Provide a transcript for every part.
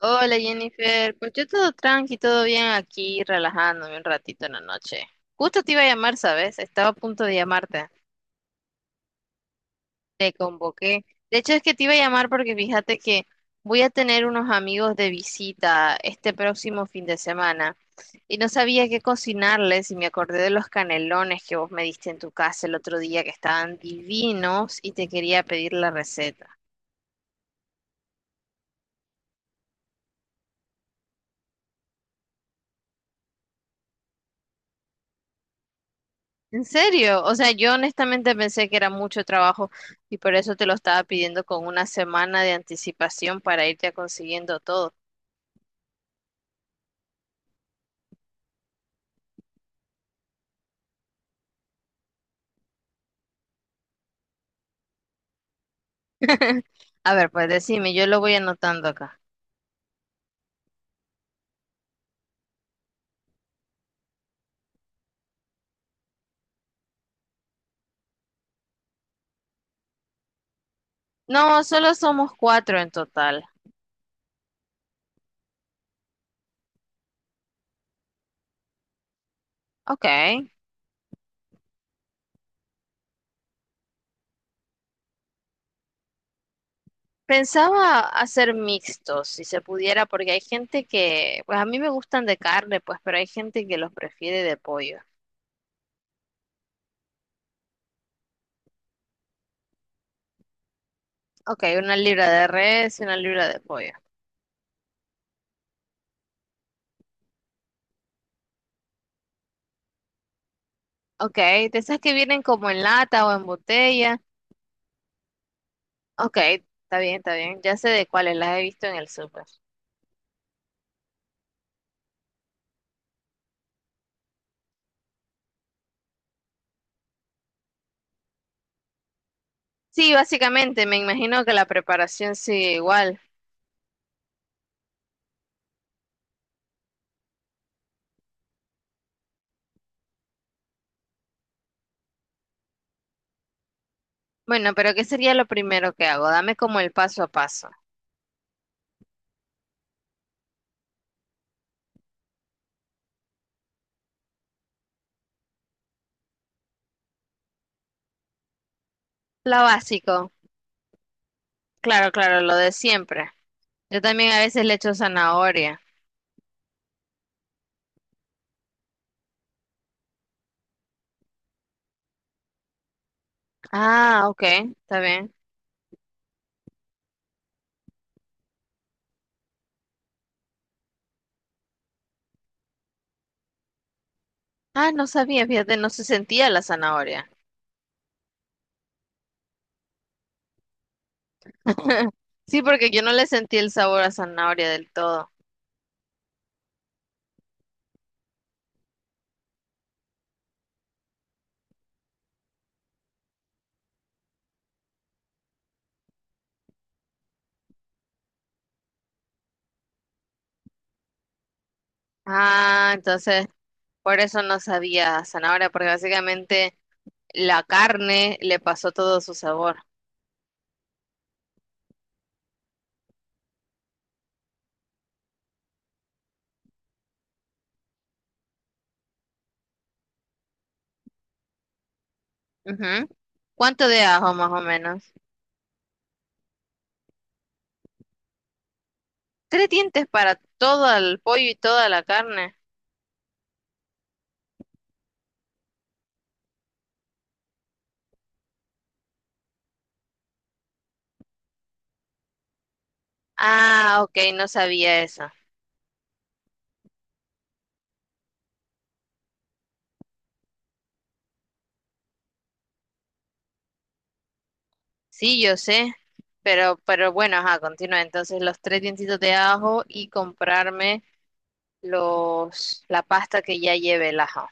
Hola Jennifer, pues yo todo tranqui, todo bien aquí, relajándome un ratito en la noche. Justo te iba a llamar, ¿sabes? Estaba a punto de llamarte, te convoqué. De hecho es que te iba a llamar porque fíjate que voy a tener unos amigos de visita este próximo fin de semana y no sabía qué cocinarles y me acordé de los canelones que vos me diste en tu casa el otro día que estaban divinos y te quería pedir la receta. ¿En serio? O sea, yo honestamente pensé que era mucho trabajo y por eso te lo estaba pidiendo con una semana de anticipación para irte consiguiendo todo. A ver, pues decime, yo lo voy anotando acá. No, solo somos cuatro en total. Ok. Pensaba hacer mixtos, si se pudiera, porque hay gente que, pues a mí me gustan de carne, pues, pero hay gente que los prefiere de pollo. Ok, una libra de res y una libra de pollo. Ok, de esas que vienen como en lata o en botella. Ok, está bien, está bien. Ya sé de cuáles, las he visto en el súper. Sí, básicamente, me imagino que la preparación sigue igual. Bueno, pero ¿qué sería lo primero que hago? Dame como el paso a paso. Lo básico. Claro, claro, lo de siempre. Yo también a veces le echo zanahoria. Ah, ok, está bien. Ah, no sabía, fíjate, no se sentía la zanahoria. Sí, porque yo no le sentí el sabor a zanahoria del todo. Ah, entonces, por eso no sabía a zanahoria, porque básicamente la carne le pasó todo su sabor. Ujú. ¿Cuánto de ajo más o menos? Tres dientes para todo el pollo y toda la carne. Ah, ok, no sabía eso. Sí, yo sé, pero bueno, ajá, continúa. Entonces los tres dientitos de ajo y comprarme los, la pasta que ya lleve el ajo.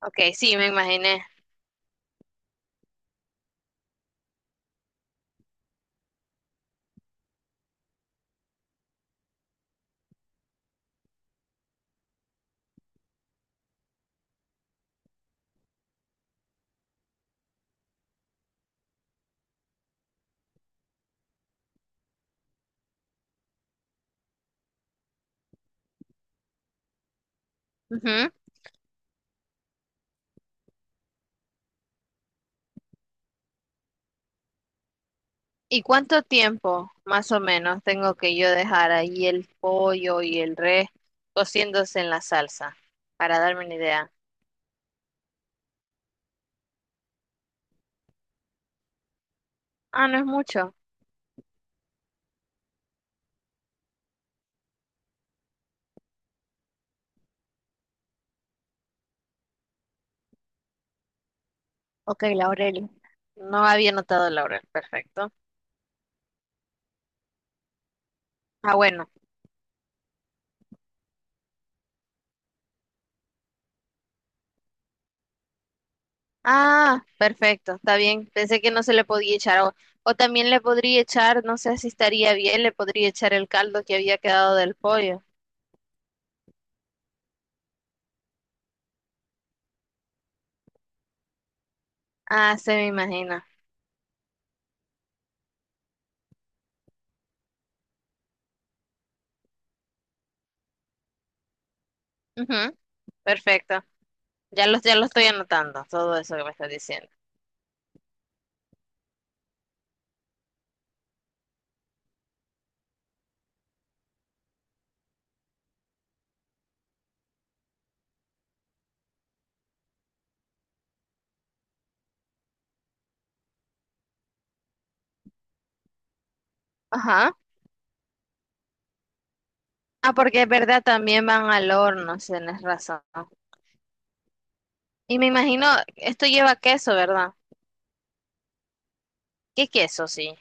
Ok, sí, me imaginé. Ujú. ¿Y cuánto tiempo más o menos tengo que yo dejar ahí el pollo y el res cociéndose en la salsa? Para darme una idea. Ah, no es mucho. Ok, laurel. No había notado el laurel. Perfecto. Ah, bueno. Ah, perfecto. Está bien. Pensé que no se le podía echar. O también le podría echar, no sé si estaría bien, le podría echar el caldo que había quedado del pollo. Ah, se me imagina. Ujú, perfecto. Ya lo estoy anotando, todo eso que me estás diciendo. Ajá. Ah, porque es verdad, también van al horno, si tenés razón. Y me imagino, esto lleva queso, ¿verdad? ¿Qué queso? Sí.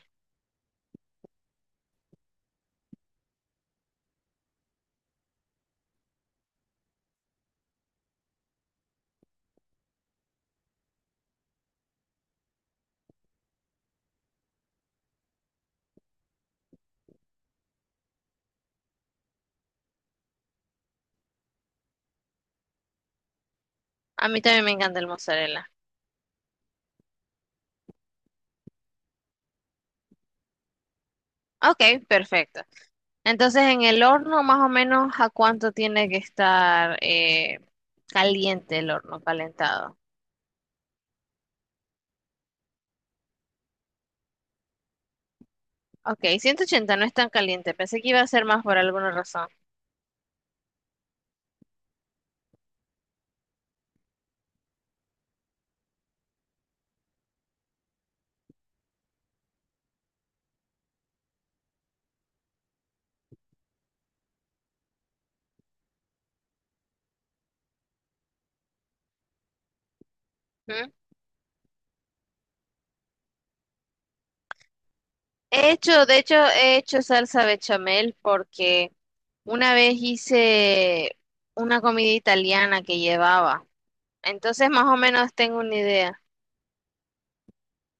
A mí también me encanta el mozzarella. Ok, perfecto. Entonces, en el horno, más o menos, ¿a cuánto tiene que estar caliente el horno, calentado? Ok, 180 no es tan caliente. Pensé que iba a ser más por alguna razón. ¿Mm? He hecho, de hecho, he hecho salsa bechamel porque una vez hice una comida italiana que llevaba. Entonces, más o menos tengo una idea.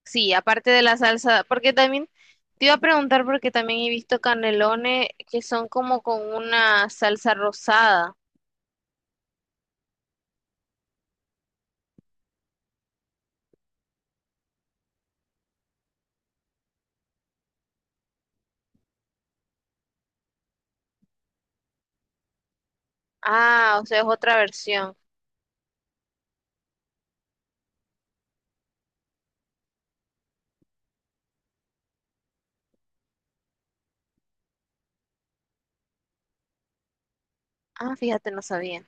Sí, aparte de la salsa, porque también te iba a preguntar porque también he visto canelones que son como con una salsa rosada. Ah, o sea, es otra versión. Ah, fíjate, no sabía.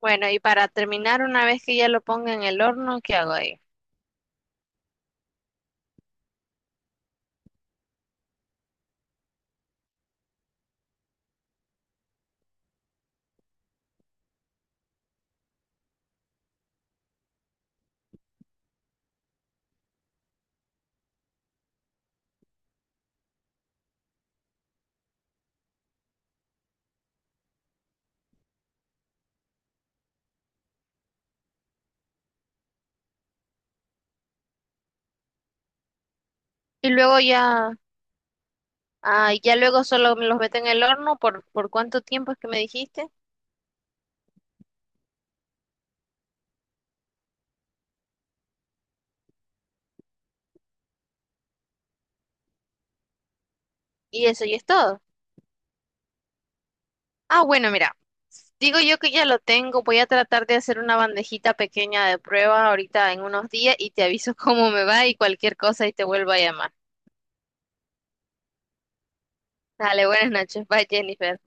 Bueno, y para terminar, una vez que ya lo ponga en el horno, ¿qué hago ahí? Y luego ya, ah, y ya luego solo me los meto en el horno ¿por cuánto tiempo es que me dijiste? Y eso, y es todo. Ah, bueno, mira, digo yo que ya lo tengo, voy a tratar de hacer una bandejita pequeña de prueba ahorita en unos días y te aviso cómo me va y cualquier cosa y te vuelvo a llamar. Dale, buenas noches, bye Jennifer.